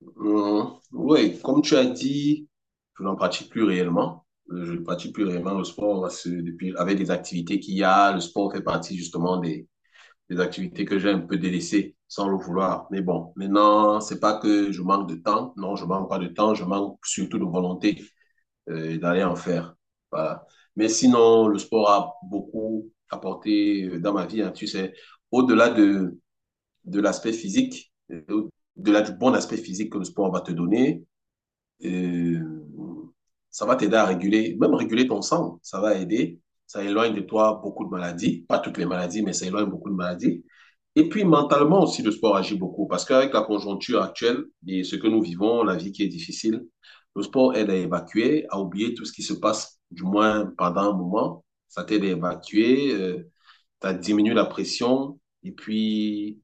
Oui, comme tu as dit, je n'en pratique plus réellement. Je ne pratique plus réellement le sport parce que depuis, avec les activités qu'il y a. Le sport fait partie justement des activités que j'ai un peu délaissées sans le vouloir. Mais bon, maintenant, c'est pas que je manque de temps. Non, je manque pas de temps. Je manque surtout de volonté d'aller en faire. Voilà. Mais sinon, le sport a beaucoup apporté dans ma vie, hein. Tu sais, au-delà de, de l'aspect physique, au-delà du bon aspect physique que le sport va te donner, euh, ça va t'aider à réguler, même réguler ton sang, ça va aider. Ça éloigne de toi beaucoup de maladies, pas toutes les maladies, mais ça éloigne beaucoup de maladies. Et puis mentalement aussi, le sport agit beaucoup parce qu'avec la conjoncture actuelle et ce que nous vivons, la vie qui est difficile, le sport aide à évacuer, à oublier tout ce qui se passe, du moins pendant un moment. Ça t'aide à évacuer, ça diminue la pression et puis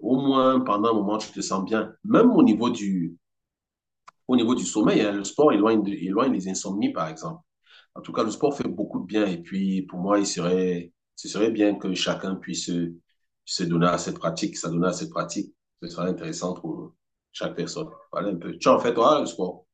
au moins pendant un moment, tu te sens bien. Même au niveau du sommeil, hein, le sport éloigne, éloigne les insomnies, par exemple. En tout cas, le sport fait beaucoup de bien. Et puis, pour moi, il serait, ce serait bien que chacun puisse se donner à cette pratique, s'adonner à cette pratique. Ce serait intéressant pour chaque personne. Voilà un peu. Tu en fais, toi, le sport?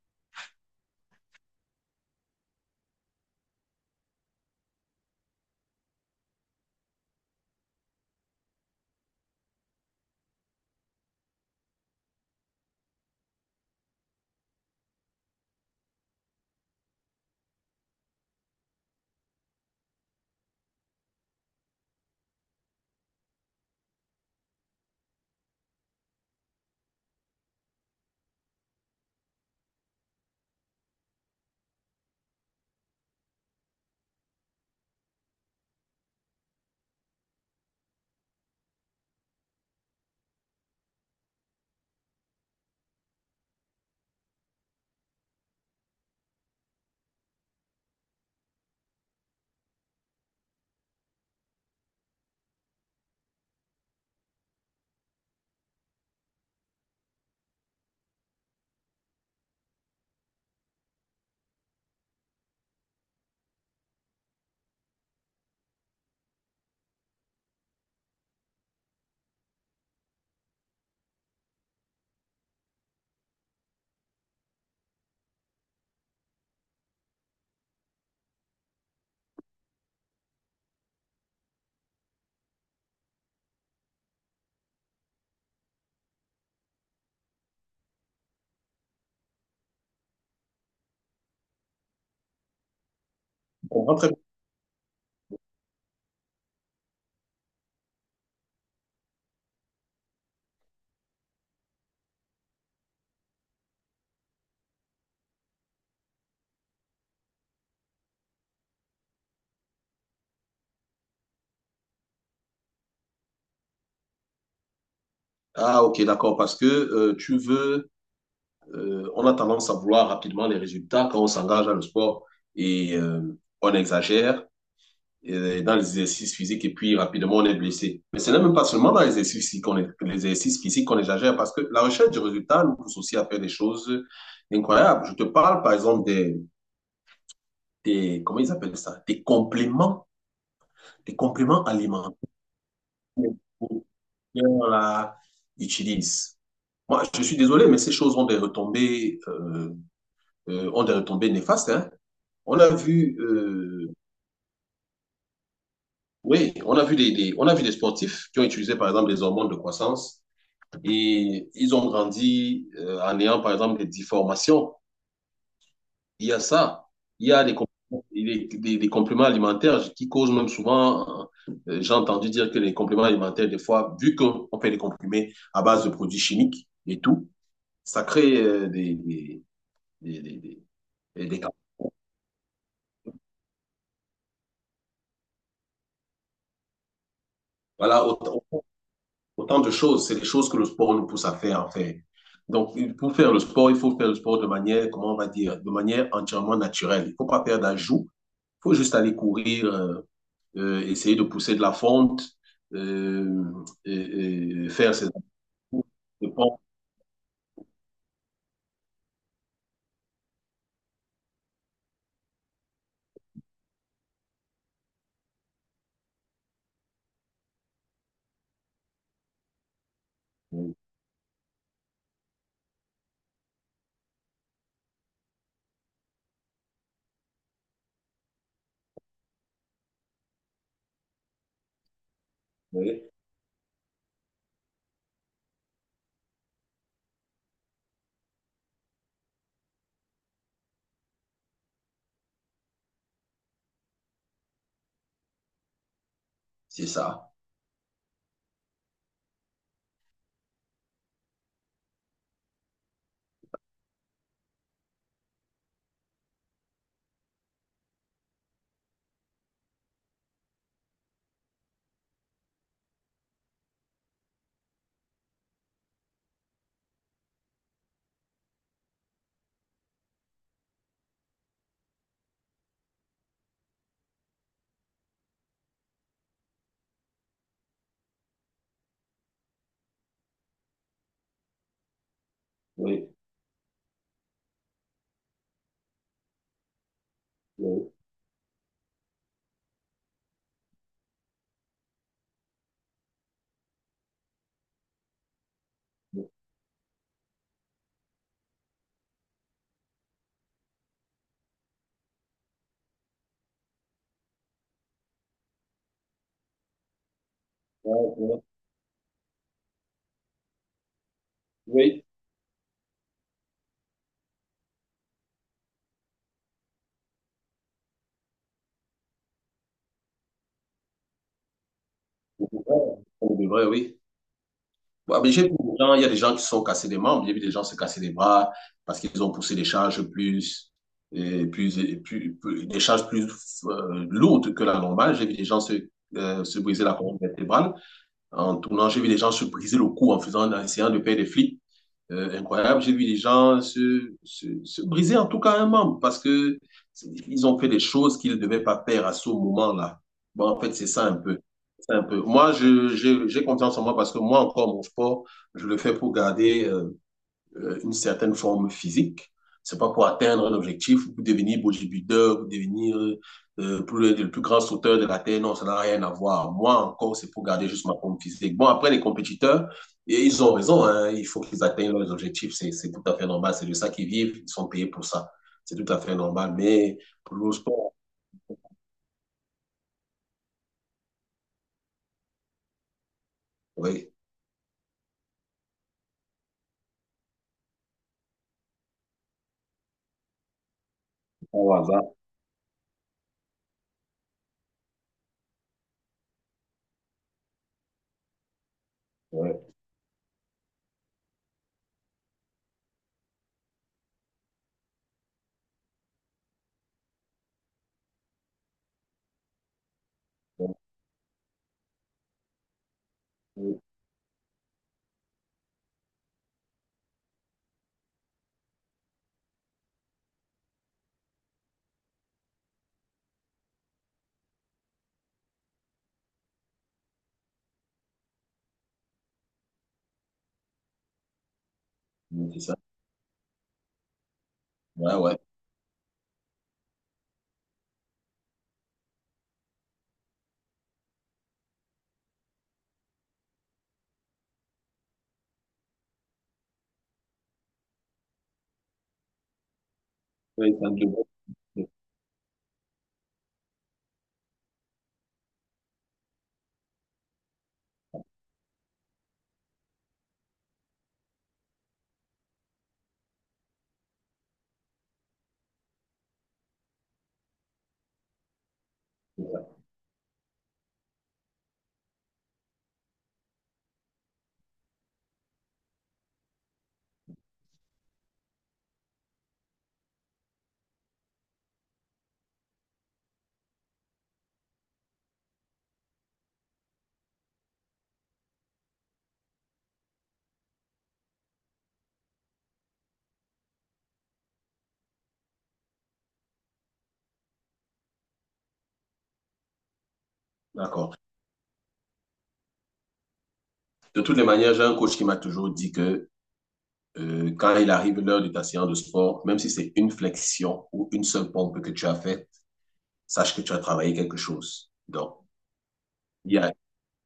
Je comprends très bien. Ah, ok, d'accord. Parce que tu veux, on a tendance à vouloir rapidement les résultats quand on s'engage dans le sport et on exagère dans les exercices physiques et puis rapidement on est blessé. Mais ce n'est même pas seulement dans les exercices physiques les exercices physiques qu'on exagère parce que la recherche du résultat nous pousse aussi à faire des choses incroyables. Je te parle par exemple des, comment ils appellent ça? Des compléments alimentaires qu'on utilise. Moi, je suis désolé, mais ces choses ont des retombées néfastes, hein. On a vu, oui, on a vu on a vu des sportifs qui ont utilisé par exemple des hormones de croissance. Et ils ont grandi, en ayant, par exemple, des déformations. Il y a ça. Il y a des compléments alimentaires qui causent même souvent, j'ai entendu dire que les compléments alimentaires, des fois, vu qu'on fait des comprimés à base de produits chimiques et tout, ça crée des, des, des- des- des- voilà, autant de choses. C'est les choses que le sport nous pousse à faire, en fait. Donc, pour faire le sport, il faut faire le sport de manière, comment on va dire, de manière entièrement naturelle. Il ne faut pas faire d'ajout, faut juste aller courir, essayer de pousser de la fonte, euh, et faire ses appuis, je pense. Oui, c'est ça. Oui, oui, oui, oui, oui, on devrait, oui. Bon, mais j'ai vu des gens- il y a des gens qui se sont cassés les membres, j'ai vu des gens se casser les bras parce qu'ils ont poussé des charges plus, et plus, et plus, plus- des charges plus lourdes que la normale. J'ai vu des gens se, se briser la colonne vertébrale. En tournant, j'ai vu des gens se briser le cou en faisant, en essayant de faire des flips. Incroyable. J'ai vu des gens se briser en tout cas un membre parce que ils ont fait des choses qu'ils ne devaient pas faire à ce moment-là. Bon, en fait, c'est ça un peu. C'est un peu. Moi, j'ai confiance en moi parce que moi, encore, mon sport, je le fais pour garder une certaine forme physique. C'est pas pour atteindre un objectif, pour devenir bodybuilder, pour devenir, plus grand sauteur de la Terre. Non, ça n'a rien à voir. Moi, encore, c'est pour garder juste ma forme physique. Bon, après, les compétiteurs, et ils ont raison. Hein, il faut qu'ils atteignent leurs objectifs. C'est tout à fait normal. C'est de ça qu'ils vivent. Ils sont payés pour ça. C'est tout à fait normal. Mais pour le sport, oui, c'est pas au hasard. Ouais. Ouais, c'est ça. Ouais, ouais. Ouais, c'est un double. D'accord. De toutes les manières, j'ai un coach qui m'a toujours dit que, quand il arrive l'heure de ta séance de sport, même si c'est une flexion ou une seule pompe que tu as faite, sache que tu as travaillé quelque chose. Donc, il y a,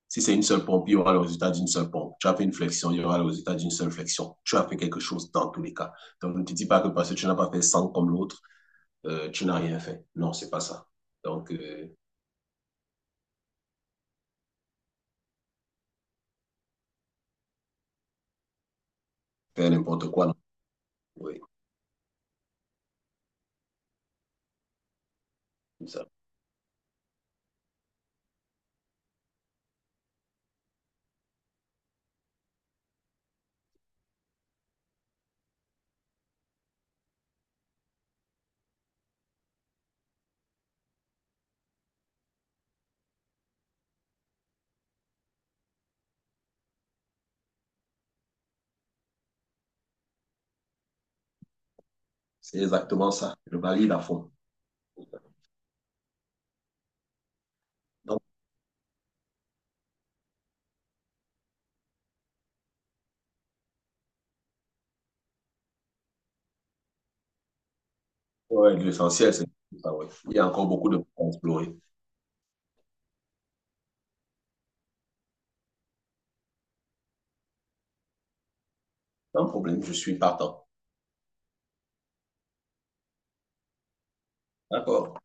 si c'est une seule pompe, il y aura le résultat d'une seule pompe. Tu as fait une flexion, il y aura le résultat d'une seule flexion. Tu as fait quelque chose dans tous les cas. Donc, ne te dis pas que parce que tu n'as pas fait 100 comme l'autre, tu n'as rien fait. Non, c'est pas ça. Donc, faire n'importe quoi, non. Oui, c'est ça. C'est exactement ça. Je valide à fond. Donc, ouais, l'essentiel, c'est ça. Ouais. Il y a encore beaucoup de points à explorer. Pas de problème, je suis partant. D'accord.